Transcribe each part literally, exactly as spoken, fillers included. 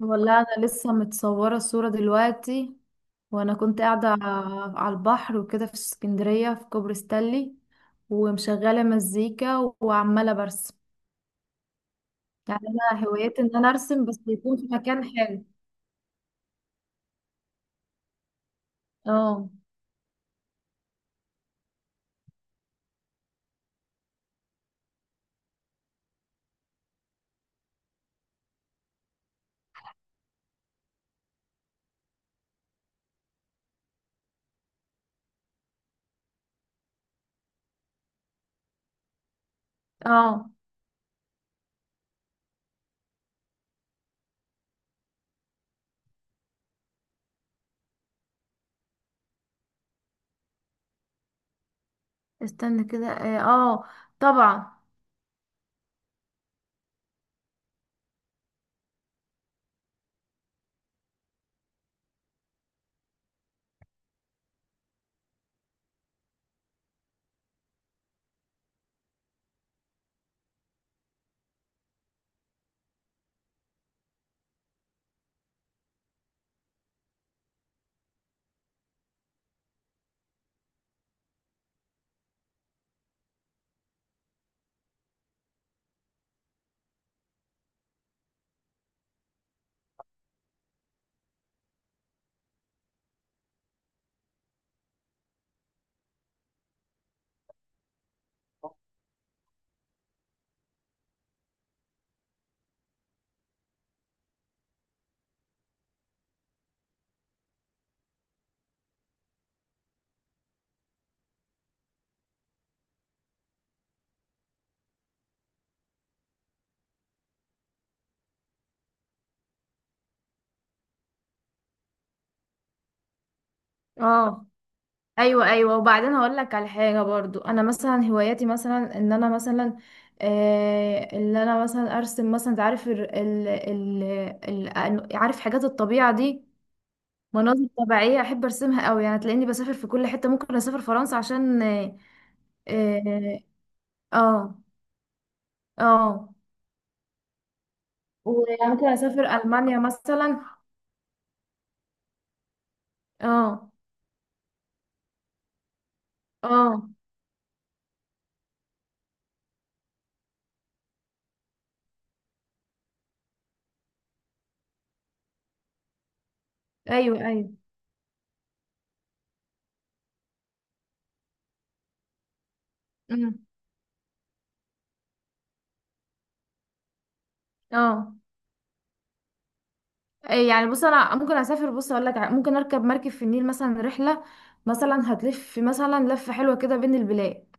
والله انا لسه متصوره الصوره دلوقتي، وانا كنت قاعده على البحر وكده في اسكندريه، في كوبري ستانلي، ومشغله مزيكا وعماله برسم. يعني انا هوايتي ان انا ارسم بس يكون في مكان حلو. اه، اه، استنى كده. اه آه، طبعا. اه، ايوه، ايوه، وبعدين هقول لك على حاجه. برضو انا مثلا هواياتي مثلا ان انا مثلا آه ان انا مثلا ارسم مثلا. انت عارف، ال ال ال ال أن- عارف حاجات الطبيعه دي. مناظر طبيعيه احب ارسمها قوي، يعني تلاقيني بسافر في كل حته، ممكن اسافر فرنسا عشان اه اه, آه وممكن اسافر المانيا مثلا. اه، اه، ايوه، ايوه، أمم، اه. إيه، يعني بص، انا ممكن اسافر، بص اقول لك، ممكن اركب مركب في النيل مثلا رحله، مثلا هتلف مثلا لفه حلوه كده بين البلاد.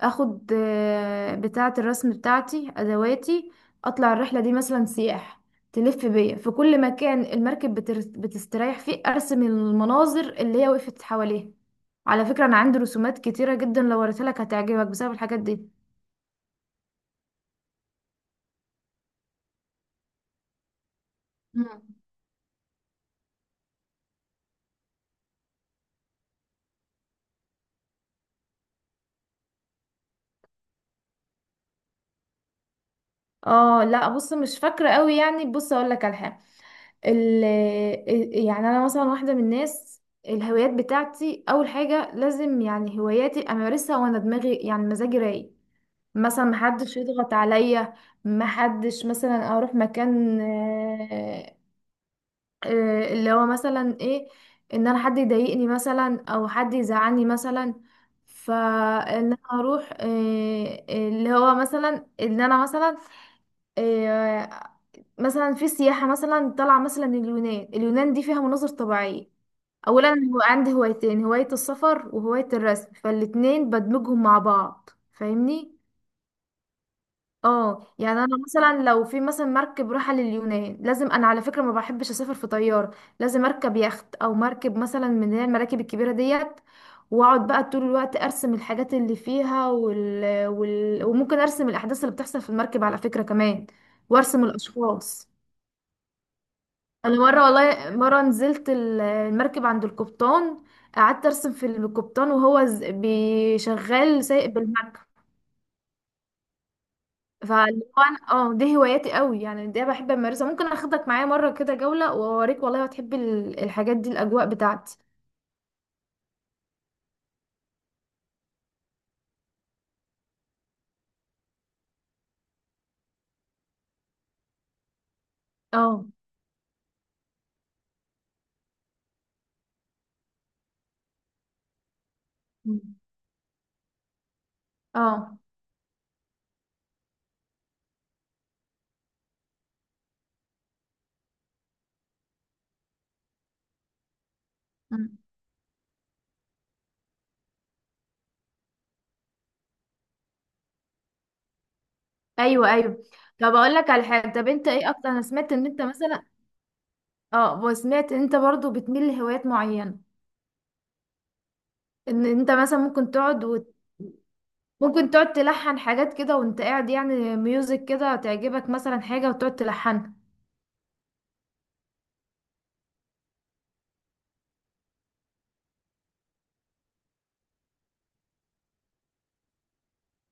اخد آه، بتاعه الرسم بتاعتي، ادواتي، اطلع الرحله دي مثلا سياح، تلف بيا في كل مكان المركب بتر- بتستريح فيه، ارسم المناظر اللي هي وقفت حواليها. على فكره انا عندي رسومات كتيره جدا، لو وريتها لك هتعجبك بسبب الحاجات دي. مم. اه، لا، بص مش فاكره قوي. يعني بص اقول لك على حاجه. ال ال- يعني انا مثلا واحده من الناس. الهوايات بتاعتي اول حاجه لازم، يعني هواياتي امارسها وانا دماغي، يعني مزاجي رايق، مثلا محدش يضغط عليا، محدش مثلا اروح مكان، آه، آه، اللي هو مثلا ايه، ان انا حد يضايقني مثلا، او حد يزعلني مثلا. فان انا اروح آه، آه، اللي هو مثلا ان انا مثلا، آه، مثلا في سياحة مثلا طالعة مثلا من اليونان. اليونان دي فيها مناظر طبيعية. أولا هو عندي هوايتين، هواية السفر وهواية الرسم، فالاتنين بدمجهم مع بعض، فاهمني؟ اه، يعني انا مثلا لو في مثلا مركب رايحة لليونان، لازم انا، على فكرة ما بحبش اسافر في طيارة، لازم اركب يخت او مركب مثلا من اللي هي المراكب الكبيرة ديت. واقعد بقى طول الوقت ارسم الحاجات اللي فيها وال... وال... وممكن ارسم الاحداث اللي بتحصل في المركب على فكرة كمان، وارسم الاشخاص. انا مره والله مره نزلت ال- المركب عند القبطان. قعدت ارسم في القبطان وهو ز- بيشغل، سايق بالمركب. فاللي هو انا، اه دي هواياتي قوي، يعني دي بحب امارسها. ممكن اخدك معايا مره كده جوله واوريك، والله هتحبي ال- الحاجات دي الاجواء بتاعتي. اه. مم. اه. مم. ايوه، ايوه. طب اقول لك على حاجه. طب انت ايه اكتر، انا سمعت ان انت مثلا، اه وسمعت ان انت برضو بتميل لهوايات معينه، ان انت مثلا ممكن تقعد ممكن تقعد تلحن حاجات كده وانت قاعد. يعني ميوزك كده تعجبك مثلا حاجة وتقعد تلحنها.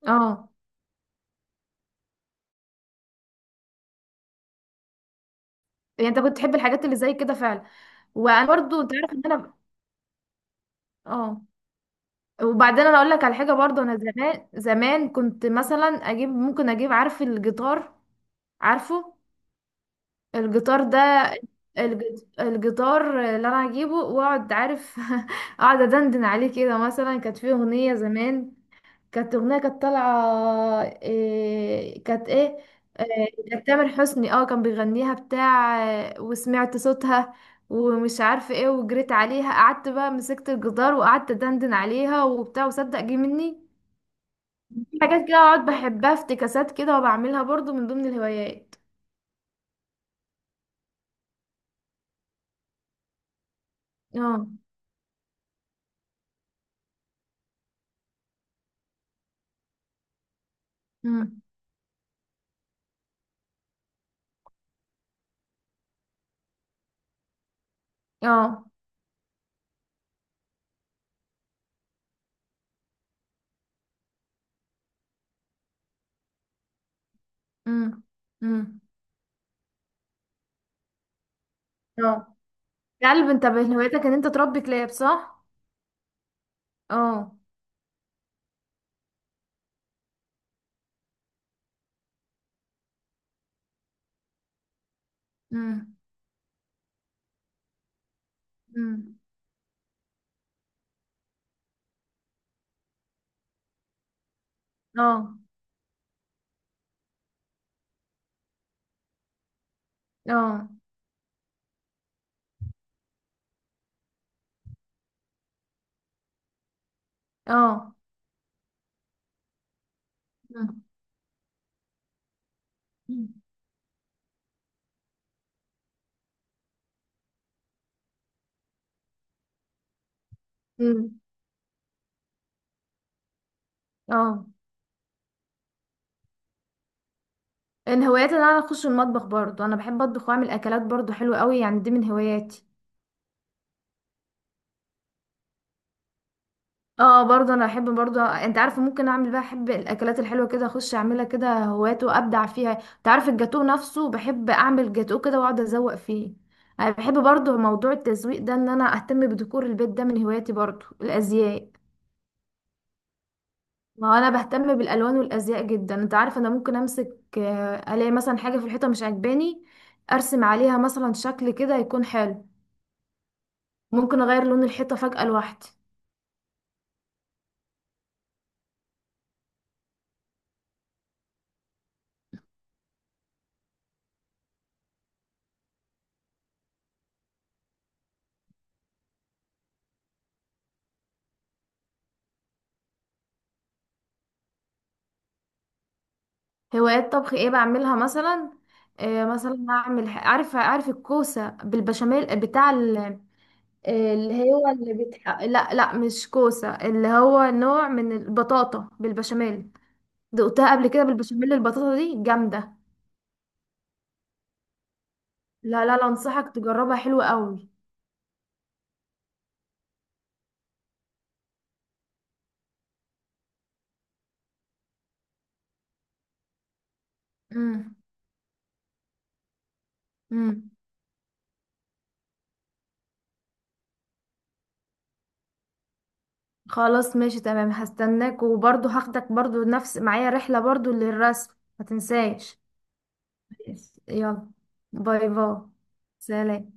اه، يعني انت كنت تحب الحاجات اللي زي كده فعلا. وانا برضو انت عارف ان انا، اه وبعدين انا اقول لك على حاجة. برضو انا زمان زمان كنت مثلا اجيب، ممكن اجيب، عارف، الجيتار. عارفه الجيتار ده؟ الج- الجيتار اللي انا هجيبه واقعد، عارف، اقعد ادندن عليه كده مثلا. كانت فيه اغنية زمان. كانت أغنية كانت طالعة إيه، كانت إيه إيه، كانت تامر حسني، اه كان بيغنيها بتاع آه، وسمعت صوتها. ومش عارفة ايه. وجريت عليها قعدت بقى مسكت الجدار وقعدت دندن عليها وبتاع، وصدق جه مني. في حاجات كده اقعد بحبها افتكاسات كده، وبعملها برضو من ضمن الهوايات. اه. امم. اه. امم. امم. اه. يا قلب، انت من هوايتك ان انت تربي كلاب، صح؟ اه. امم. امم. اه. اه. اه. مم. مم. اه. من هواياتي ان انا اخش المطبخ، برضو انا بحب اطبخ واعمل اكلات برضو حلوه قوي، يعني دي من هواياتي. اه، برضو انا بحب. برضو انت عارفه، ممكن اعمل بقى، احب الاكلات الحلوه كده اخش اعملها كده هوايات وابدع فيها. انت عارف الجاتو نفسه، بحب اعمل جاتو كده واقعد ازوق فيه. انا بحب برضو موضوع التزويق ده، ان انا اهتم بديكور البيت، ده من هواياتي. برضو الازياء، ما هو انا بهتم بالالوان والازياء جدا. انت عارف انا ممكن امسك، آه، الاقي مثلا حاجه في الحيطه مش عاجباني، ارسم عليها مثلا شكل كده يكون حلو. ممكن اغير لون الحيطه فجاه لوحدي. هوايات طبخ ايه بعملها مثلا؟ آه، مثلا اعمل، عارف عارف الكوسه بالبشاميل، آه، بتاع ال- آه، اللي هو اللي بتح... لا، لا، مش كوسه، اللي هو نوع من البطاطا بالبشاميل. دقتها قبل كده بالبشاميل، البطاطا دي جامده. لا، لا، لا، انصحك تجربها حلوه قوي. امم. خلاص، ماشي تمام، هستناك. وبرضو هاخدك برضو نفس معايا رحلة، برضو للرسم. ما تنساش. يلا، باي باي. سلام.